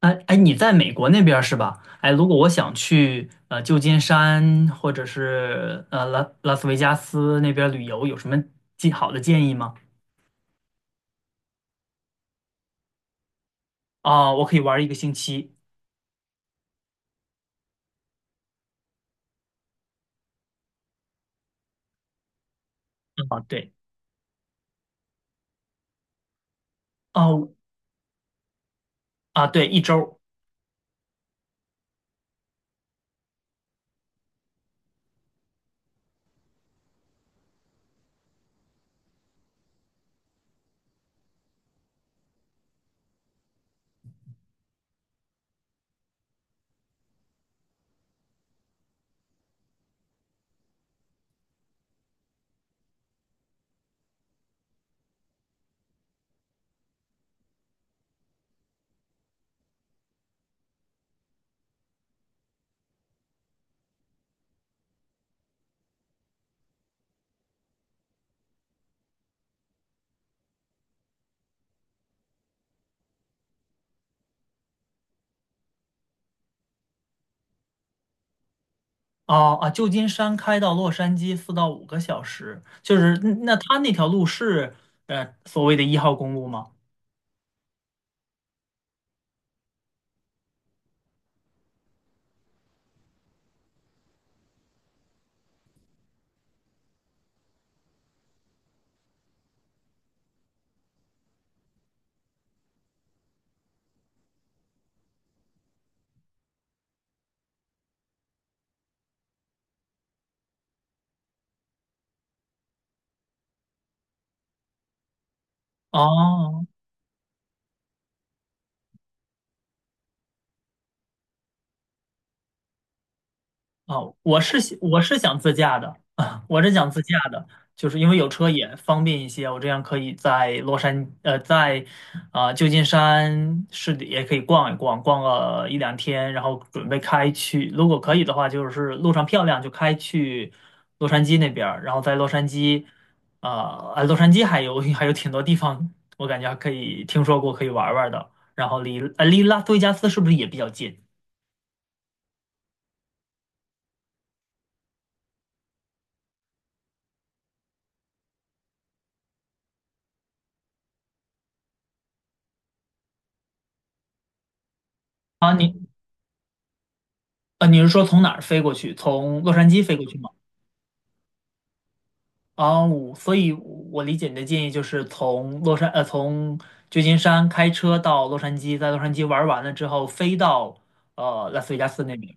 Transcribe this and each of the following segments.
哎哎，你在美国那边儿是吧？哎，如果我想去旧金山或者是拉斯维加斯那边儿旅游，有什么建好的建议吗？我可以玩儿一个星期。啊，对。哦对，一周。哦，啊，旧金山开到洛杉矶四到五个小时，就是那他那条路是呃所谓的一号公路吗？哦，啊，我是想自驾的啊，我是想自驾的，就是因为有车也方便一些，我这样可以在洛杉呃在旧金山市里也可以逛一逛，逛个一两天，然后准备开去，如果可以的话，就是路上漂亮就开去洛杉矶那边儿，然后在洛杉矶洛杉矶还有 还有挺多地方，我感觉还可以听说过可以玩儿玩儿的，然后离拉斯维加斯是不是也比较近？啊，你啊，你是说从哪儿飞过去？从洛杉矶飞过去吗？啊，我所以我，理解你的建议就是从洛杉，呃，从旧金山开车到洛杉矶，在洛杉矶玩完了之后，飞到呃拉斯维加斯那边。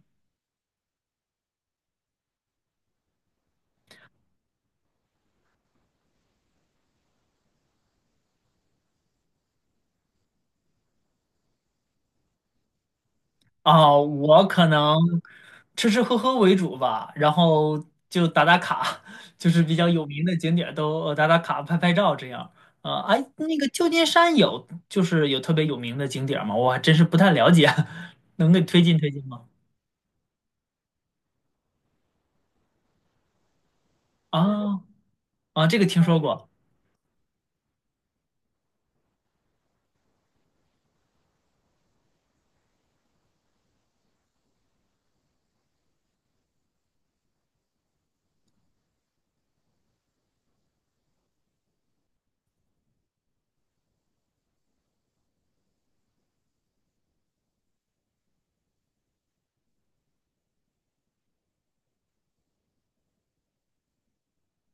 啊，我可能吃吃喝喝为主吧，然后就打打卡，就是比较有名的景点儿都打打卡、拍拍照这样。啊，哎，那个旧金山有就是有特别有名的景点儿吗？我还真是不太了解，能给推荐推荐吗？啊。啊，这个听说过。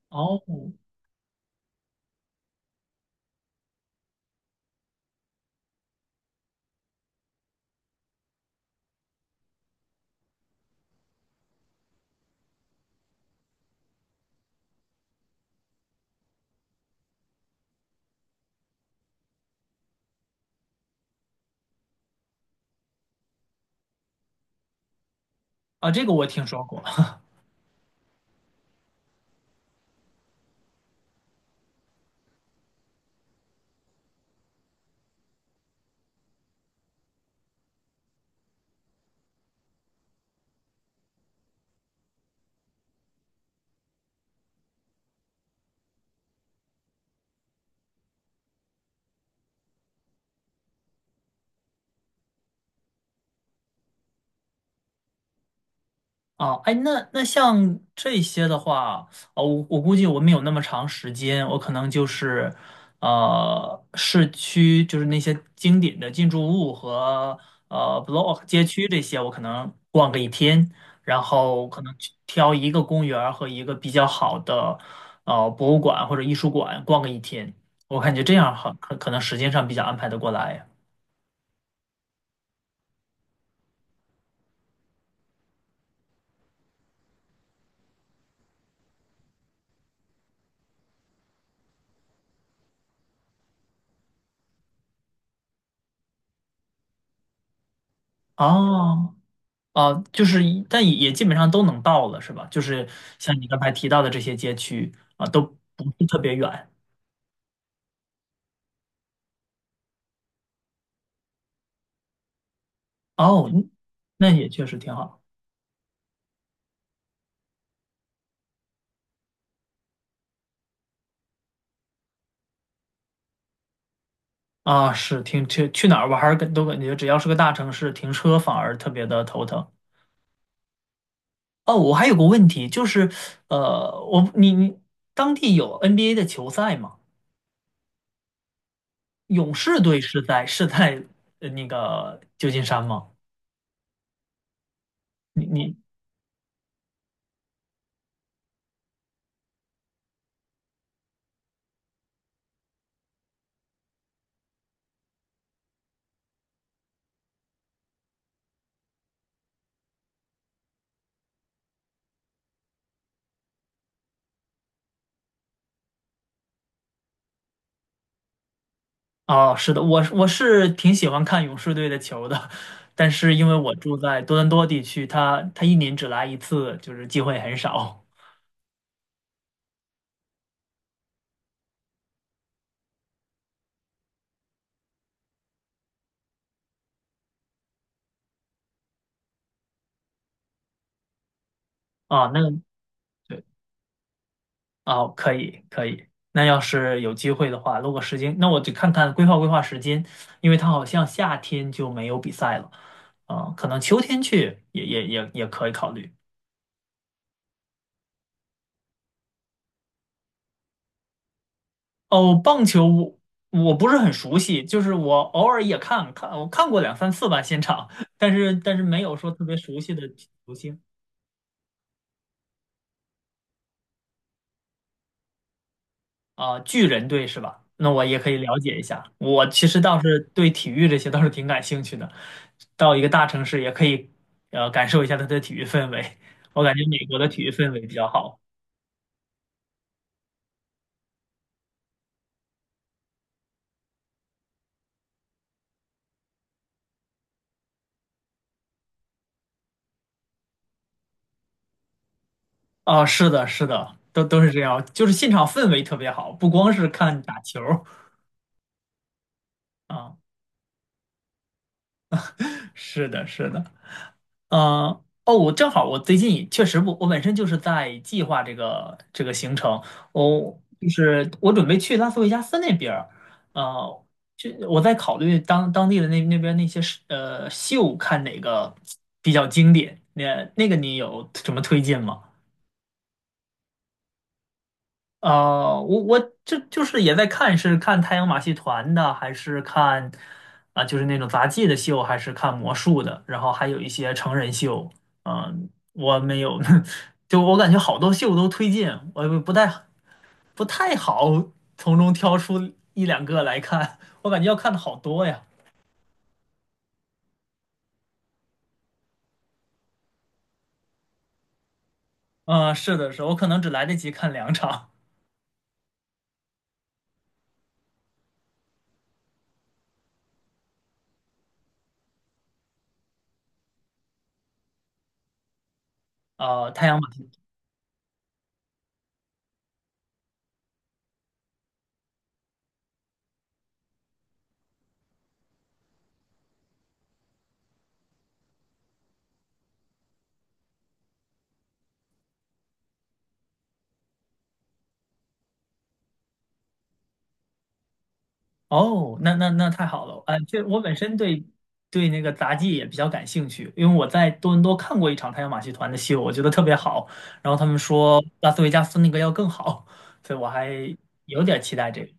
哦，啊，这个我听说过。啊，哎，那那像这些的话，哦，我估计我没有那么长时间，我可能就是，呃，市区就是那些经典的建筑物和呃 block 街区这些，我可能逛个一天，然后可能去挑一个公园儿和一个比较好的呃博物馆或者艺术馆逛个一天，我感觉这样可能时间上比较安排得过来。哦，啊，就是但也也基本上都能到了，是吧？就是像你刚才提到的这些街区啊，都不是特别远。哦，嗯，那也确实挺好啊。是，去去哪儿玩儿，都感觉只要是个大城市，停车反而特别的头疼。哦，我还有个问题，就是呃，你当地有 NBA 的球赛吗？勇士队是在呃那个旧金山吗？你你哦，是的，我是挺喜欢看勇士队的球的，但是因为我住在多伦多地区，他一年只来一次，就是机会很少啊。那，对，哦，可以可以。那要是有机会的话，如果时间，那我就看看规划规划时间，因为他好像夏天就没有比赛了，啊，可能秋天去也可以考虑。哦，棒球我不是很熟悉，就是我偶尔也看看，我看过两三次吧现场，但是没有说特别熟悉的球星。啊，巨人队是吧？那我也可以了解一下。我其实倒是对体育这些倒是挺感兴趣的，到一个大城市也可以呃感受一下它的体育氛围。我感觉美国的体育氛围比较好。啊，是的，是的，都都是这样，就是现场氛围特别好，不光是看打球儿。啊，是的，是的。呃，哦，我正好，我最近也确实不，我本身就是在计划这个行程，就是我准备去拉斯维加斯那边儿，呃，就我在考虑当地的那些是呃秀看哪个比较经典，那个你有什么推荐吗？呃，我这就是也在看，是看太阳马戏团的，还是看啊、就是那种杂技的秀，还是看魔术的，然后还有一些成人秀。嗯、我没有，就我感觉好多秀都推荐，我也不太好从中挑出一两个来看，我感觉要看的好多呀。嗯、是的，是的，我可能只来得及看两场。啊，太阳马戏。哦，那那太好了，哎，我本身对对那个杂技也比较感兴趣，因为我在多伦多看过一场太阳马戏团的秀，我觉得特别好，然后他们说拉斯维加斯那个要更好，所以我还有点期待这个。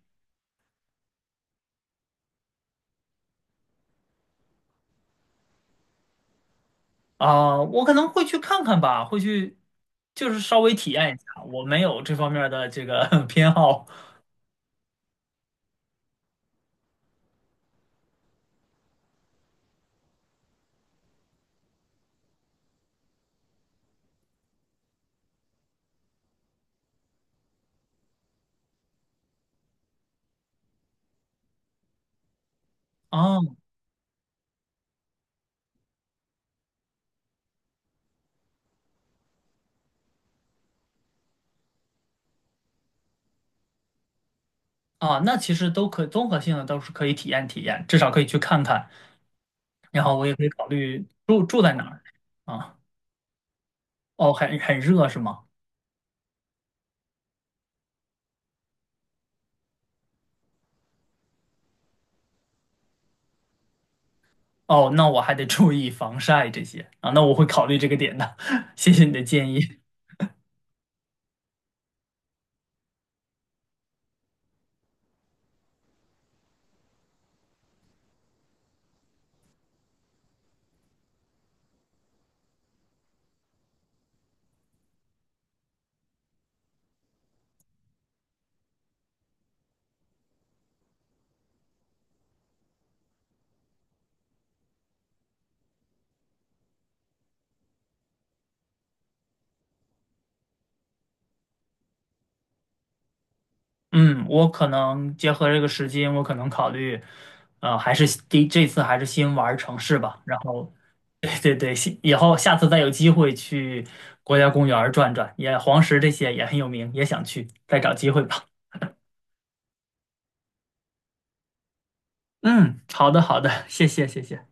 啊，我可能会去看看吧，会去就是稍微体验一下，我没有这方面的这个 偏好。啊啊，那其实都，可综合性的都是可以体验体验，至少可以去看看，然后我也可以考虑住住在哪儿。啊。哦，很热是吗？哦，那我还得注意防晒这些啊，那我会考虑这个点的，谢谢你的建议。嗯，我可能结合这个时间，我可能考虑，呃，还是第这次还是先玩城市吧，然后 对对对，先以后下次再有机会去国家公园儿转转，也黄石这些也很有名，也想去，再找机会吧。嗯，好的好的，谢谢谢谢。